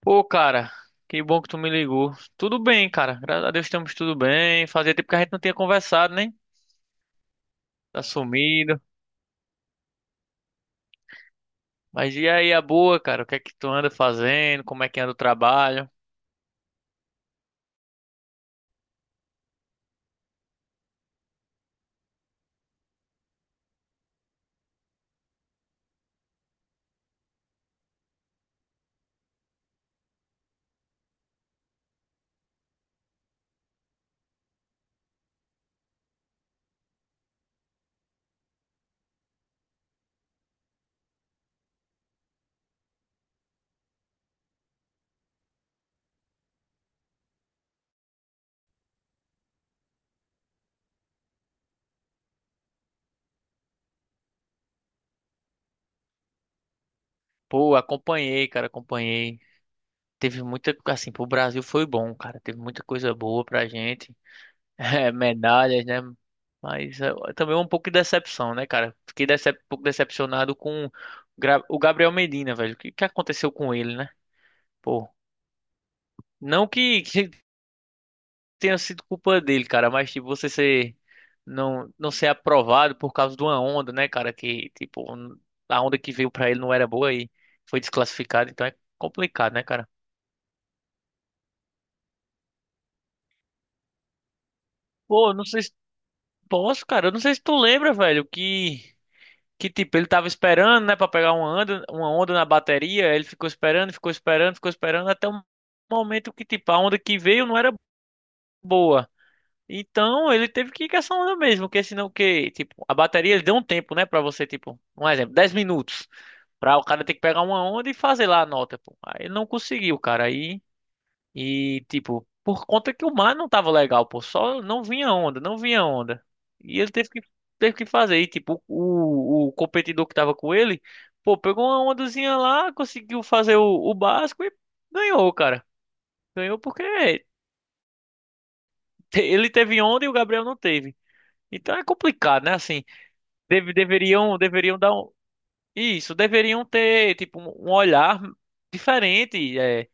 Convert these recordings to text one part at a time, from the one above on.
Pô, cara, que bom que tu me ligou. Tudo bem, cara. Graças a Deus estamos tudo bem. Fazia tempo que a gente não tinha conversado, né? Tá sumido. Mas e aí, a boa, cara? O que é que tu anda fazendo? Como é que anda o trabalho? Pô, acompanhei, cara, acompanhei. Teve muita, assim, pro Brasil foi bom, cara. Teve muita coisa boa pra gente. É, medalhas, né? Mas é também um pouco de decepção, né, cara? Fiquei decep um pouco decepcionado com o Gabriel Medina, velho. O que que aconteceu com ele, né? Pô, não que que tenha sido culpa dele, cara, mas tipo, você ser não não ser aprovado por causa de uma onda, né, cara, que tipo, a onda que veio pra ele não era boa e foi desclassificado, então é complicado, né, cara? Pô, eu não sei se posso, cara, eu não sei se tu lembra, velho, que tipo, ele tava esperando, né, pra pegar uma onda na bateria, ele ficou esperando, ficou esperando, ficou esperando até o momento que tipo, a onda que veio não era boa. Então ele teve que ir com essa onda mesmo, porque senão que, tipo, a bateria ele deu um tempo, né, pra você, tipo, um exemplo, 10 minutos, pra o cara ter que pegar uma onda e fazer lá a nota, pô. Aí ele não conseguiu, cara, aí, e, tipo, por conta que o mar não tava legal, pô, só não vinha onda, não vinha onda. E ele teve que fazer, e, tipo, o competidor que tava com ele, pô, pegou uma ondazinha lá, conseguiu fazer o básico e ganhou, cara. Ganhou porque ele teve onda e o Gabriel não teve. Então é complicado, né? Assim, deveriam dar um, isso, deveriam ter tipo um olhar diferente é,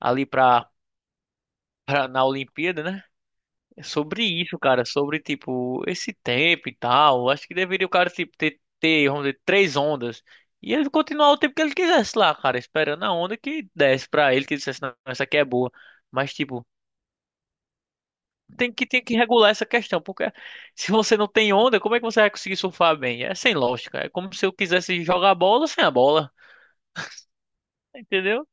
ali para na Olimpíada, né? É, sobre isso, cara, sobre tipo esse tempo e tal. Acho que deveria o cara tipo, ter, vamos dizer, três ondas e ele continuar o tempo que ele quisesse lá, cara, esperando a onda que desse pra ele, que ele dissesse, não, essa aqui é boa. Mas tipo tem que regular essa questão, porque se você não tem onda, como é que você vai conseguir surfar bem? É sem lógica. É como se eu quisesse jogar bola sem a bola, entendeu?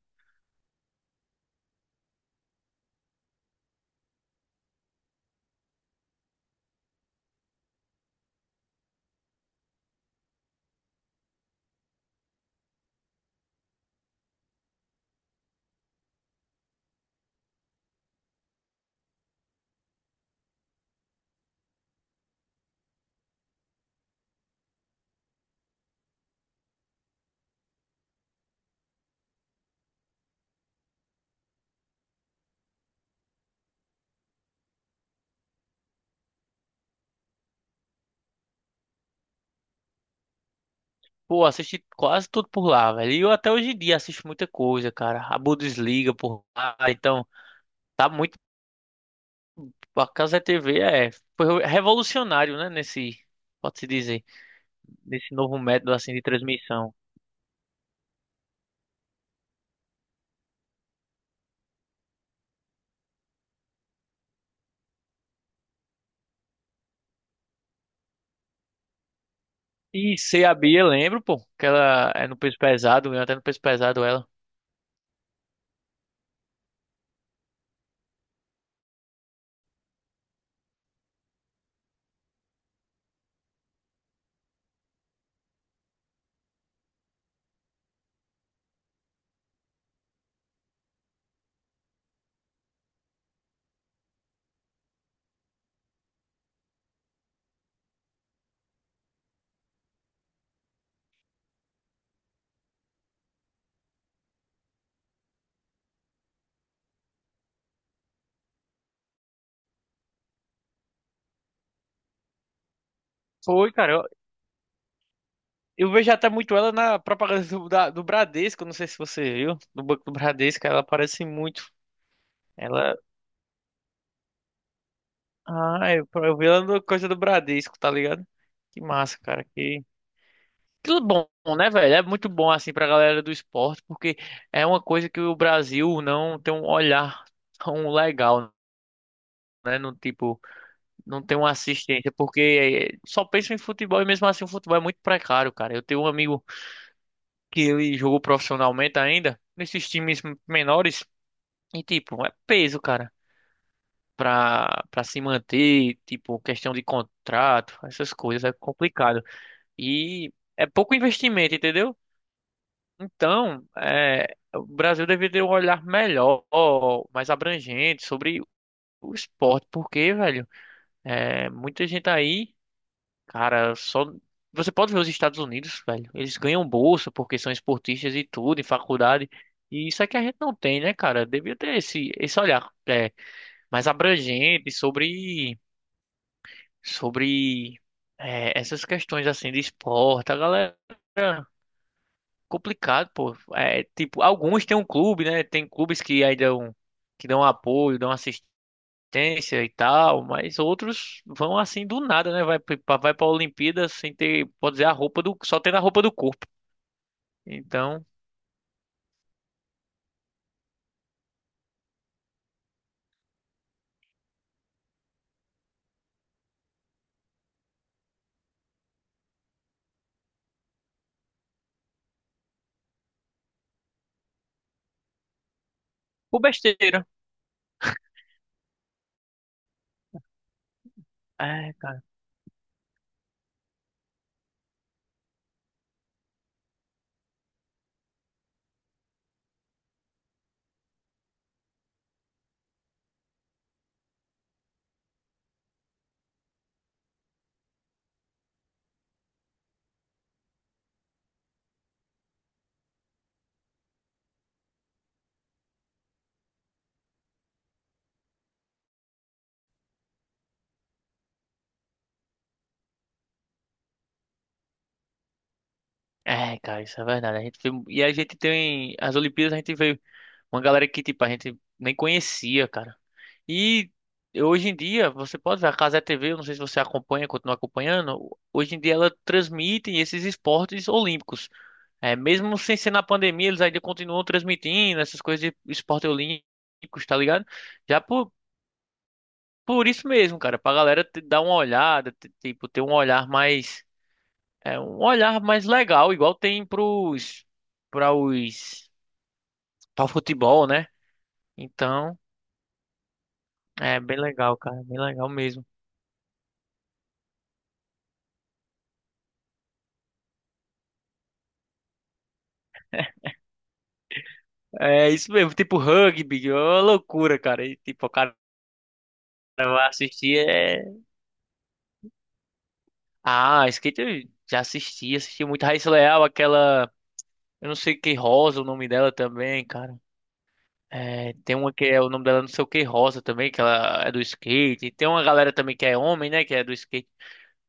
Pô, assisti quase tudo por lá, velho. E eu até hoje em dia assisto muita coisa, cara. A Bundesliga por lá, então tá muito. A Casa TV foi revolucionário, né? Nesse, pode-se dizer, nesse novo método assim de transmissão. E CA Bia, lembro, pô, que ela é no peso pesado, eu até no peso pesado ela. Foi, cara. Eu vejo até muito ela na propaganda do Bradesco, não sei se você viu, do Banco do Bradesco, ela aparece muito. Ela. Ah, eu vi ela no coisa do Bradesco, tá ligado? Que massa, cara. Que bom, né, velho? É muito bom, assim, pra galera do esporte, porque é uma coisa que o Brasil não tem um olhar tão legal, né? No tipo, não tem uma assistência, porque só pensa em futebol e mesmo assim o futebol é muito precário, cara. Eu tenho um amigo que ele jogou profissionalmente ainda, nesses times menores. E tipo, é peso, cara, pra se manter, tipo, questão de contrato, essas coisas é complicado. E é pouco investimento, entendeu? Então, é, o Brasil deveria ter um olhar melhor, mais abrangente sobre o esporte, porque, velho, é, muita gente aí, cara, só. Você pode ver os Estados Unidos, velho, eles ganham bolsa porque são esportistas e tudo, em faculdade. E isso é que a gente não tem, né, cara? Devia ter esse olhar. É, mais abrangente sobre é, essas questões assim de esporte. A galera complicado, pô. É, tipo, alguns têm um clube, né? Tem clubes que aí dão que dão apoio, dão assistência e tal, mas outros vão assim do nada, né? Vai para Olimpíada sem ter, pode dizer, a roupa do só tendo a roupa do corpo. Então, por besteira. É, cara. É, cara, isso é verdade. A gente tem. As Olimpíadas a gente veio. Uma galera que, tipo, a gente nem conhecia, cara. E hoje em dia, você pode ver, a Cazé TV, eu não sei se você acompanha, continua acompanhando, hoje em dia ela transmite esses esportes olímpicos. É, mesmo sem ser na pandemia, eles ainda continuam transmitindo essas coisas de esporte olímpicos, tá ligado? Já por isso mesmo, cara, pra galera dar uma olhada, tipo, ter um olhar mais, é, um olhar mais legal, igual tem pros, pra os, pra o futebol, né? Então, é bem legal, cara, bem legal mesmo. É isso mesmo, tipo rugby, ó, loucura, cara. E, tipo, o cara vai assistir é. Ah, skate eu já assisti muito Raíssa Leal, aquela. Eu não sei que Rosa, o nome dela também, cara. É, tem uma que é o nome dela não sei o que Rosa também, que ela é do skate. Tem uma galera também que é homem, né, que é do skate.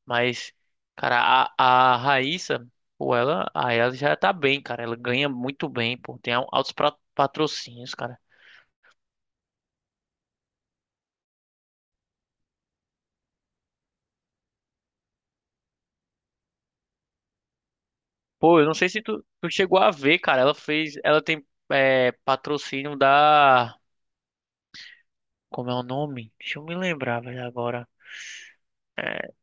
Mas, cara, a Raíssa, pô, ela já tá bem, cara. Ela ganha muito bem, pô. Tem altos patrocínios, cara. Pô, eu não sei se tu chegou a ver, cara. Ela fez. Ela tem patrocínio da. Como é o nome? Deixa eu me lembrar, velho, agora. É,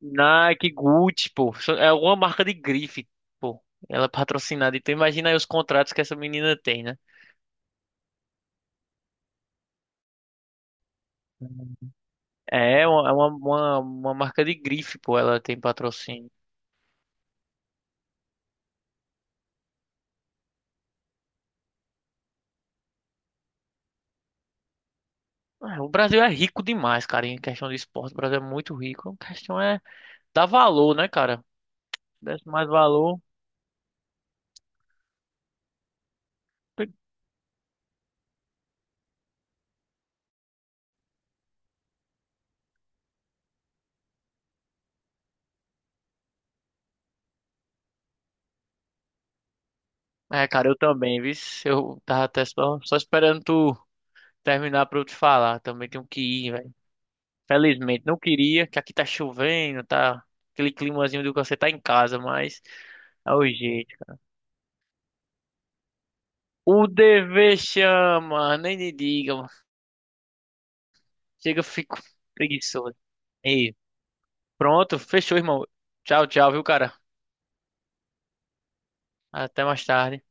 Nike, Gucci, pô. É alguma marca de grife, pô. Ela é patrocinada. Então imagina aí os contratos que essa menina tem, né? É uma marca de grife, pô. Ela tem patrocínio. Ah, o Brasil é rico demais, cara, em questão de esporte. O Brasil é muito rico. A questão é dar valor, né, cara? Desse mais valor. É, cara, eu também, viu? Eu tava até só esperando tu terminar pra eu te falar. Também tenho que ir, velho. Felizmente, não queria, que aqui tá chovendo, tá aquele climazinho de que você tá em casa, mas é o jeito. O dever chama, nem me diga, mano. Chega, eu fico preguiçoso. E pronto, fechou, irmão. Tchau, tchau, viu, cara? Até mais tarde.